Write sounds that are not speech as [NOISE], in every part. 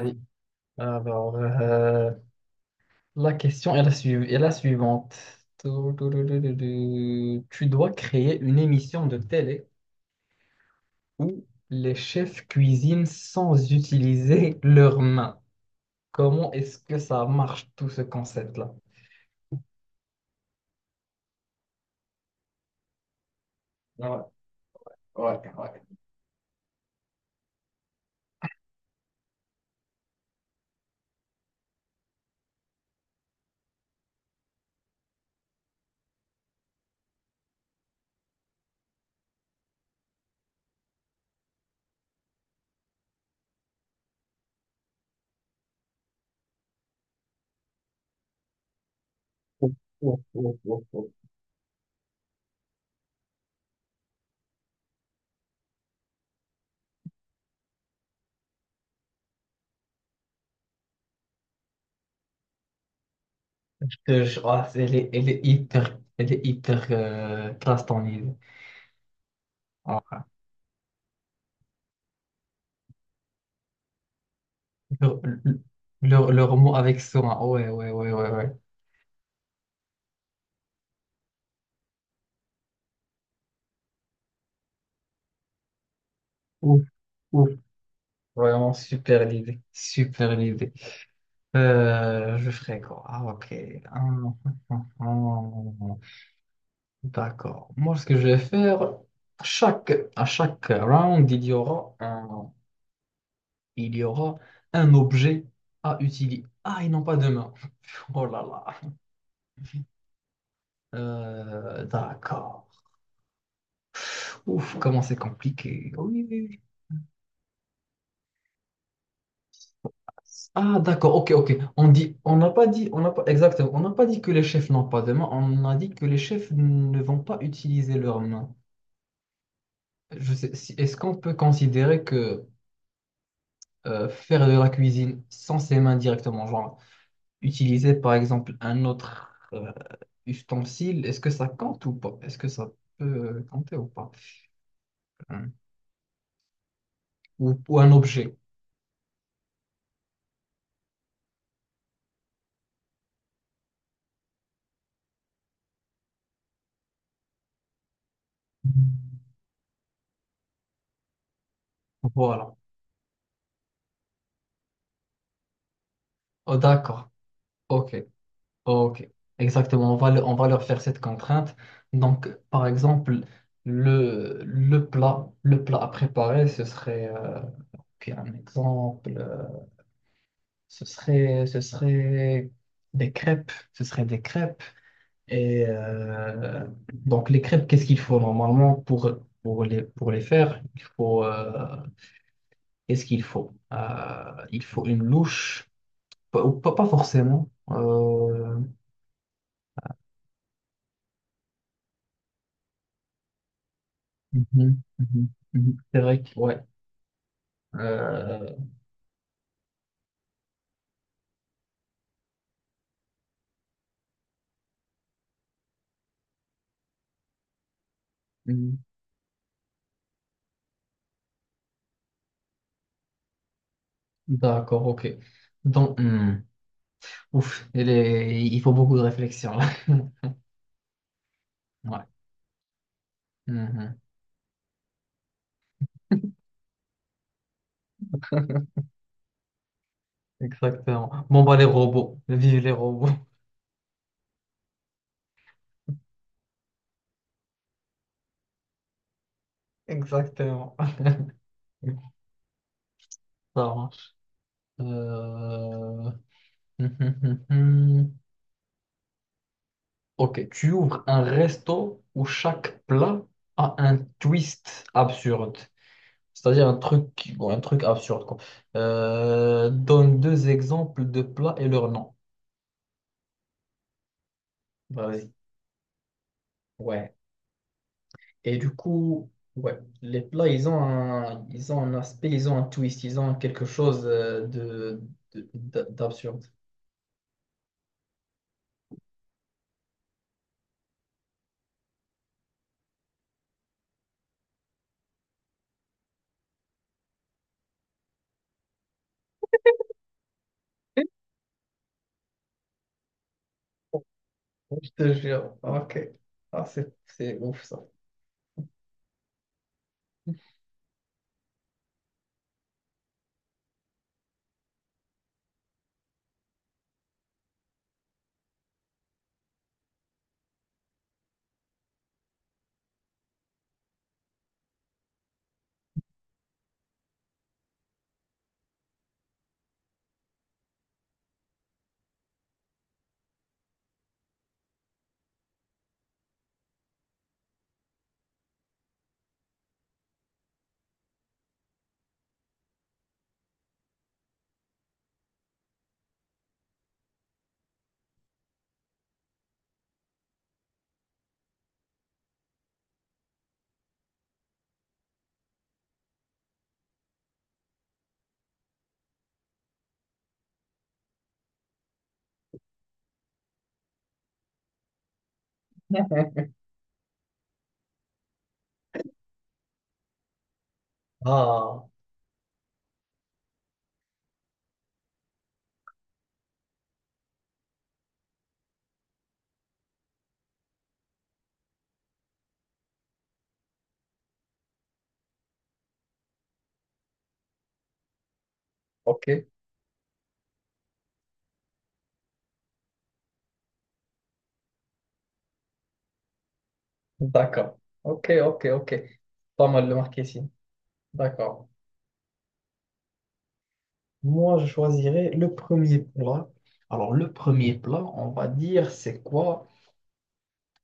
Oui. Alors, euh, la question est est la suivante. Tou- tou- tou- tou- tou- tou. Tu dois créer une émission de télé où les chefs cuisinent sans utiliser leurs mains. Comment est-ce que ça marche, tout ce concept-là? Ouais, ouais. Ouf, ouf, ouf, ouf, ouf. Te jure, ah, elle est hyper classe ton idée. Ah, Leur, leur mot avec soin. Ouais, ouais, ouais, ouais, ouais. Ouf, ouf. Vraiment super l'idée, super l'idée. Je ferai quoi? Ah, ok. Hum, hum, hum, hum. hum, hum. D'accord. Moi, ce que je vais faire, à chaque round, il y aura un objet à utiliser. Ah, ils n'ont pas de main. Oh là là. D'accord. Ouf, comment c'est compliqué. Oui, oui, oui. Ah, d'accord, ok, ok. On n'a pas dit, on n'a pas, exactement, on n'a pas dit que les chefs n'ont pas de main, on a dit que les chefs ne vont pas utiliser leurs mains. Je sais, si- Est-ce qu'on peut considérer que faire de la cuisine sans ses mains directement, genre utiliser par exemple un autre ustensile, est-ce que ça compte ou pas? Est-ce que ça peut compter ou pas? Hein. Ou un objet. Voilà. Oh, d'accord. Ok. Ok, exactement. On va leur faire cette contrainte. Donc, par exemple, le plat à préparer, puis un exemple, ce serait des crêpes. Ce serait des crêpes. Et euh, les crêpes, qu'est-ce qu'il faut normalement pour, pour les faire? Qu'est-ce qu'il faut? Il faut une louche, pas, ou pas, pas forcément. Mhm, mhm. Mhm. C'est vrai que, ouais. Euh, mm, d'accord, ok. Donc, hmm, ouf, il faut beaucoup de réflexion là. [LAUGHS] Ouais, mhm, exactement. Bon, bah, les robots. Vive les robots. [LAUGHS] Exactement. [LAUGHS] Ça marche. Euh, [LAUGHS] Ok, tu ouvres un resto où chaque plat a un twist absurde. C'est-à-dire un truc, qui- bon, un truc absurde, quoi. Donne deux exemples de plats et leur nom. Vas-y. Ouais. Et du coup, ouais, les plats, ils ont un aspect, ils ont quelque chose d'absurde. Je te jure. Ok. Ah, c'est ouf ça. Ah, ok. D'accord. Ok, ok, ok. Pas mal le marketing. D'accord. Moi, je choisirais le premier plat. Alors, le premier plat, on va dire, c'est quoi?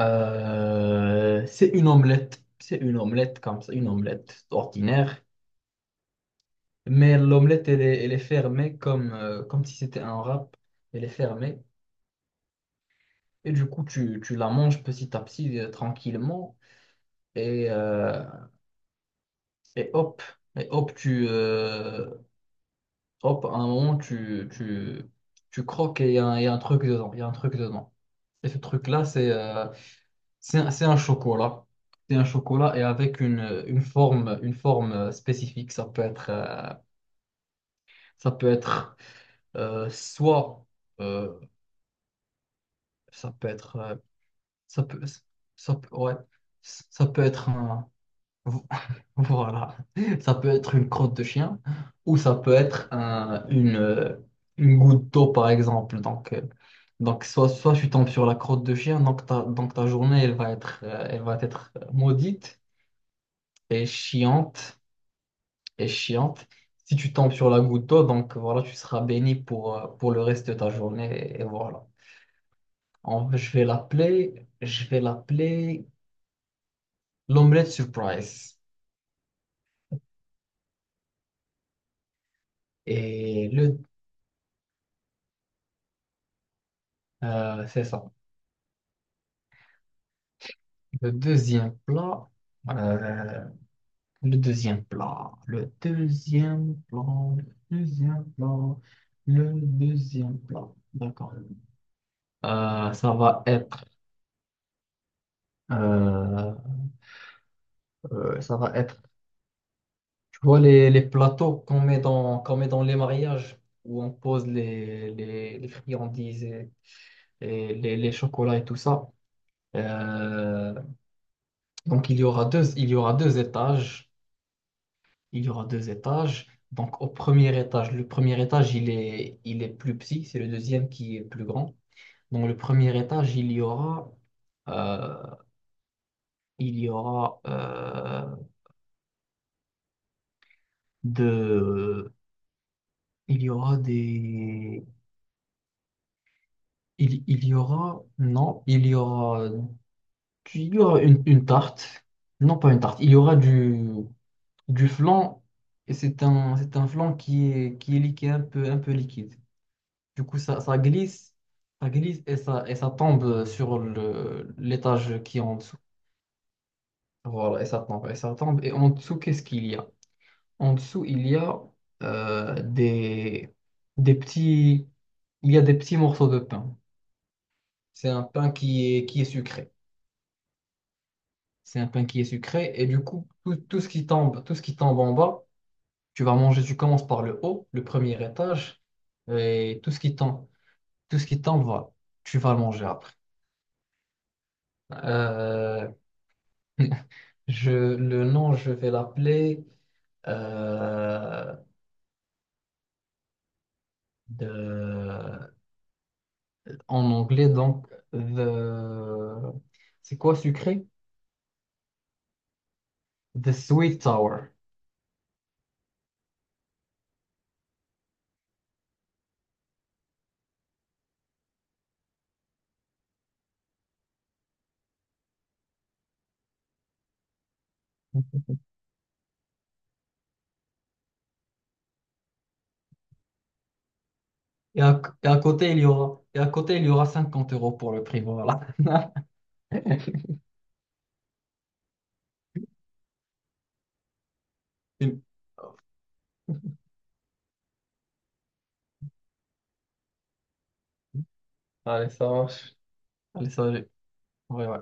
C'est une omelette. C'est une omelette comme ça, une omelette ordinaire. Mais l'omelette, elle est fermée comme, comme si c'était un wrap. Elle est fermée. Tu la manges petit à petit, tranquillement. Et, euh, et hop, et hop, hop, à un moment, tu croques et il y a un truc dedans. Il y a un truc dedans. Et ce truc-là, c'est un, C'est un chocolat. C'est un chocolat et avec une, une forme spécifique. Ça peut être soit... euh, ça peut être Ça peut, ça peut, ouais, ça peut être un, [LAUGHS] voilà, ça peut être une crotte de chien ou ça peut être une goutte d'eau par exemple. Soit tu tombes sur la crotte de chien, donc ta journée elle va être maudite et chiante et chiante Si tu tombes sur la goutte d'eau, donc voilà, tu seras béni pour le reste de ta journée et voilà. Je vais l'appeler l'omelette surprise. Et le, c'est ça. Le deuxième plat, euh, le deuxième plat, le deuxième plat, le deuxième plat, Le deuxième plat. D'accord. Euh, ça va être, euh, Ça va être, tu vois les plateaux qu'on met dans les mariages où on pose les, les friandises et les chocolats et tout ça. Euh, il y aura deux étages. Il y aura deux étages. Donc, au premier étage, le premier étage, il est plus petit, c'est le deuxième qui est plus grand. Dans le premier étage, euh, il y aura, de, il y aura des, il y aura, non, il y aura une tarte. Non, pas une tarte, il y aura du flan, et c'est un flan qui est liquide, un peu liquide. Du coup, ça, ça glisse, ça glisse et et ça tombe sur le, l'étage qui est en dessous. Voilà, et ça tombe, et ça tombe. Et en dessous, qu'est-ce qu'il y a? En dessous, euh, des, des petits, il y a des petits morceaux de pain. C'est un pain qui est sucré. C'est un pain qui est sucré. Et du coup, tout, tout ce qui tombe en bas, tu vas manger, tu commences par le haut, le premier étage, et tout ce qui tombe, tout ce qui tombe, voilà, tu vas le manger après. Euh, [LAUGHS] le nom, je vais l'appeler euh, de- en anglais, donc, the, c'est quoi sucré? The Sweet Tower. Et à côté, et à côté, il y aura 50 € pour le prix, voilà. [LAUGHS] Allez, ça marche. Allez, ça, j'ai- ouais, ouais.